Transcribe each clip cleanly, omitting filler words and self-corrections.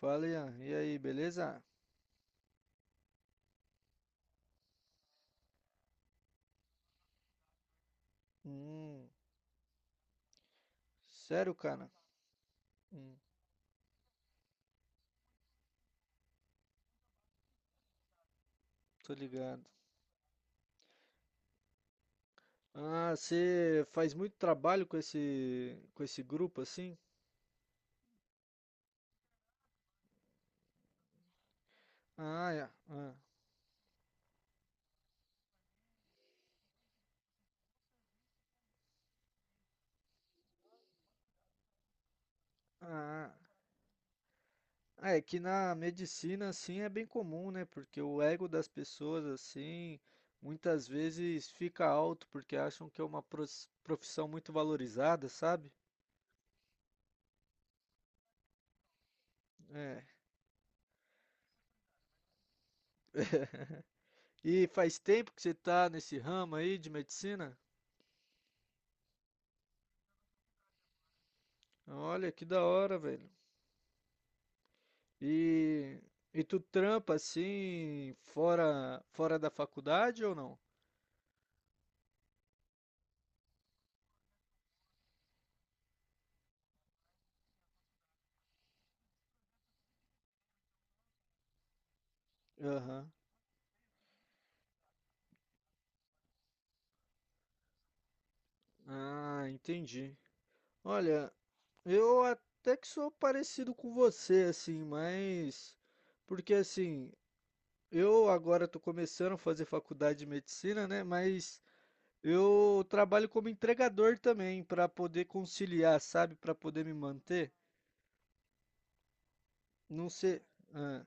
Fala, Ian. E aí, beleza? Hum, sério, cara? Hum, tô ligado. Ah, você faz muito trabalho com esse grupo assim? Ah, é. Ah, ah. Ah, é que na medicina assim é bem comum, né? Porque o ego das pessoas assim muitas vezes fica alto porque acham que é uma profissão muito valorizada, sabe? É. E faz tempo que você tá nesse ramo aí de medicina? Olha que da hora, velho. E, e tu trampa assim fora da faculdade ou não? Aham. Ah, entendi. Olha, eu até que sou parecido com você assim, mas porque assim, eu agora tô começando a fazer faculdade de medicina, né? Mas eu trabalho como entregador também para poder conciliar, sabe? Para poder me manter. Não sei. Ah,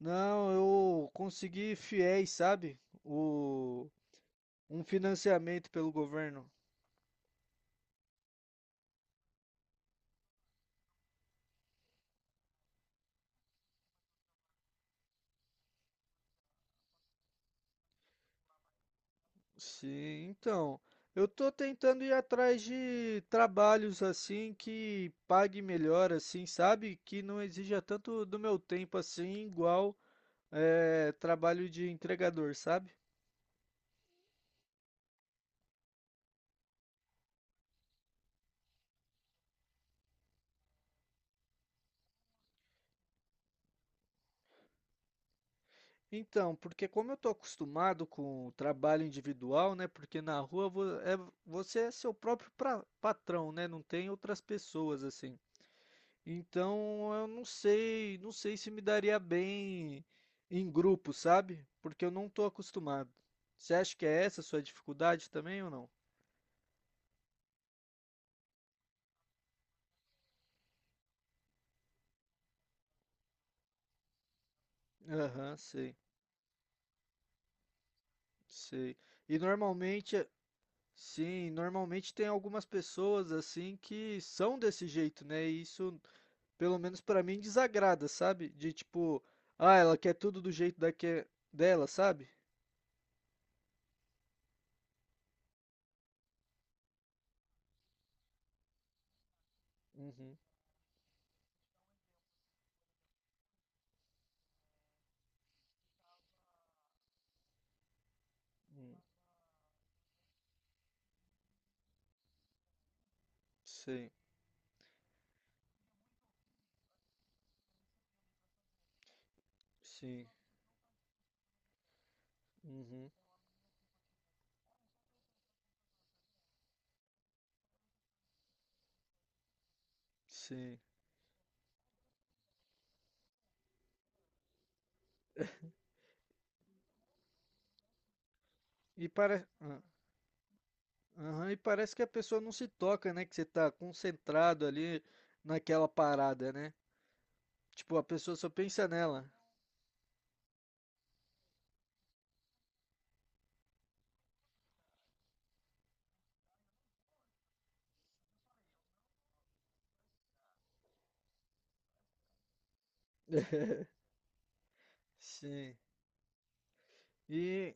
não, eu consegui fiéis, sabe? O Um financiamento pelo governo. Sim, então. Eu tô tentando ir atrás de trabalhos assim que pague melhor, assim, sabe? Que não exija tanto do meu tempo assim, igual é, trabalho de entregador, sabe? Então, porque como eu tô acostumado com o trabalho individual, né? Porque na rua você é seu próprio patrão, né? Não tem outras pessoas assim. Então eu não sei, não sei se me daria bem em grupo, sabe? Porque eu não tô acostumado. Você acha que é essa a sua dificuldade também ou não? Aham, sei, sei. E normalmente, sim, normalmente tem algumas pessoas assim que são desse jeito, né? E isso, pelo menos pra mim, desagrada, sabe? De tipo, ah, ela quer tudo do jeito daque dela, sabe? Uhum, uhum, sei, sim, uhum, sim. E para. Ah. Aham, e parece que a pessoa não se toca, né? Que você tá concentrado ali naquela parada, né? Tipo, a pessoa só pensa nela. Sim. E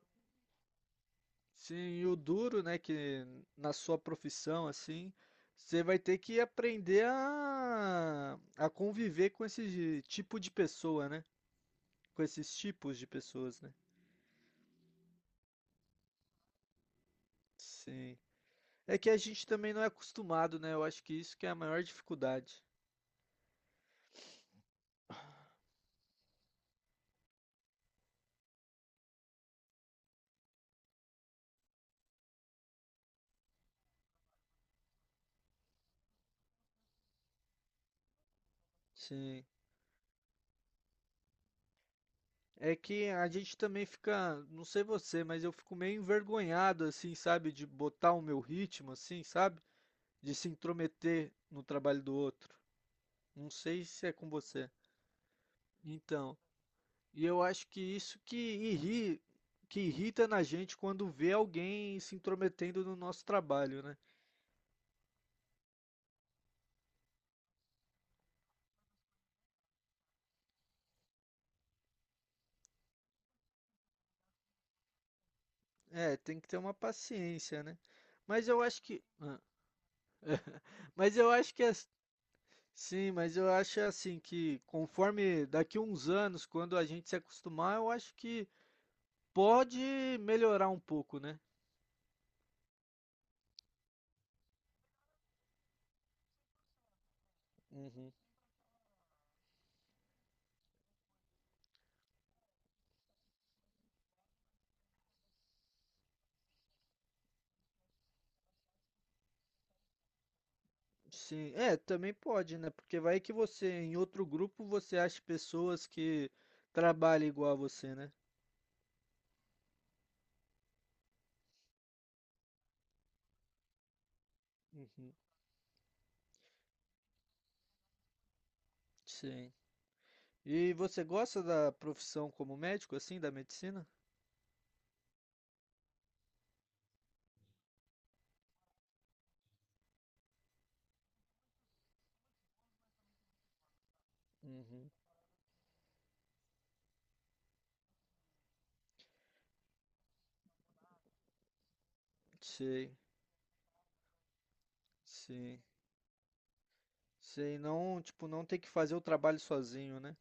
sim, e o duro, né? Que na sua profissão, assim, você vai ter que aprender a conviver com esse tipo de pessoa, né? Com esses tipos de pessoas, né? Sim. É que a gente também não é acostumado, né? Eu acho que isso que é a maior dificuldade. Sim. É que a gente também fica, não sei você, mas eu fico meio envergonhado, assim, sabe, de botar o meu ritmo, assim, sabe? De se intrometer no trabalho do outro. Não sei se é com você. Então, e eu acho que que irrita na gente quando vê alguém se intrometendo no nosso trabalho, né? É, tem que ter uma paciência, né? Mas eu acho que, ah, mas eu acho que é Sim, mas eu acho assim que conforme daqui uns anos, quando a gente se acostumar, eu acho que pode melhorar um pouco, né? Uhum. Sim, é, também pode, né? Porque vai que você, em outro grupo, você acha pessoas que trabalham igual a você, né? Uhum. Sim. E você gosta da profissão como médico, assim, da medicina? Uhum. Sei, sei, sei. Não, tipo, não ter que fazer o trabalho sozinho, né?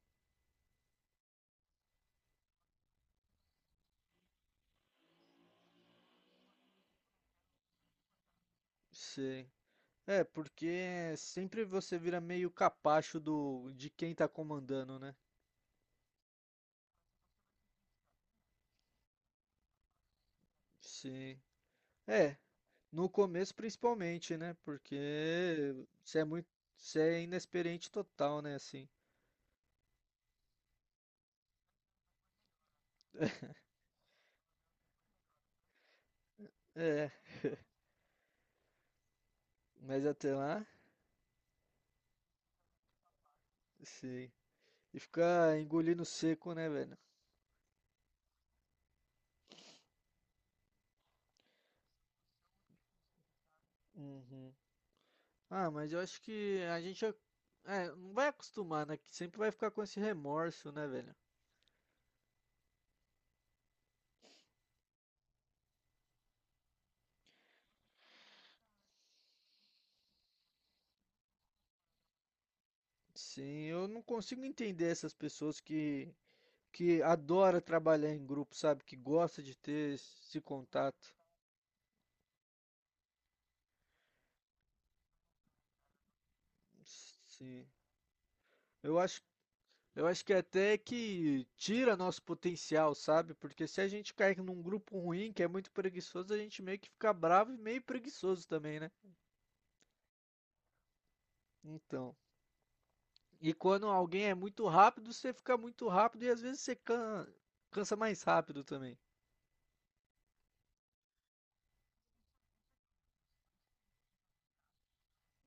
Sei. É, porque sempre você vira meio capacho do de quem tá comandando, né? Sim. É, no começo principalmente, né? Porque você é muito, você é inexperiente total, né, assim. É, mas até lá, sim. E ficar engolindo seco, né, velho? Uhum. Ah, mas eu acho que é, não vai acostumar, né? Que sempre vai ficar com esse remorso, né, velho? Sim, eu não consigo entender essas pessoas que adora trabalhar em grupo, sabe? Que gosta de ter esse contato. Sim. Eu acho, eu acho que até que tira nosso potencial, sabe? Porque se a gente cai num grupo ruim, que é muito preguiçoso, a gente meio que fica bravo e meio preguiçoso também, né? Então. E quando alguém é muito rápido, você fica muito rápido e às vezes você cansa mais rápido também.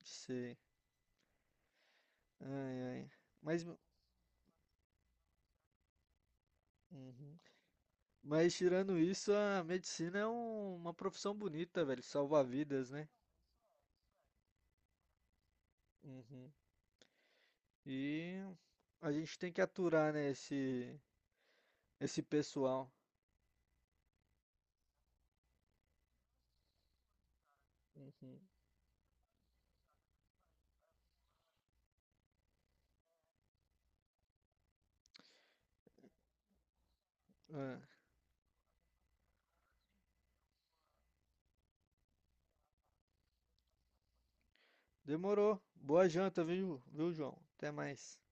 Sei. Ai, ai. Mas. Uhum. Mas tirando isso, a medicina é uma profissão bonita, velho. Salvar vidas, né? Uhum. E a gente tem que aturar, né, esse pessoal. Uhum. Ah, demorou. Boa janta, viu, João? Até mais.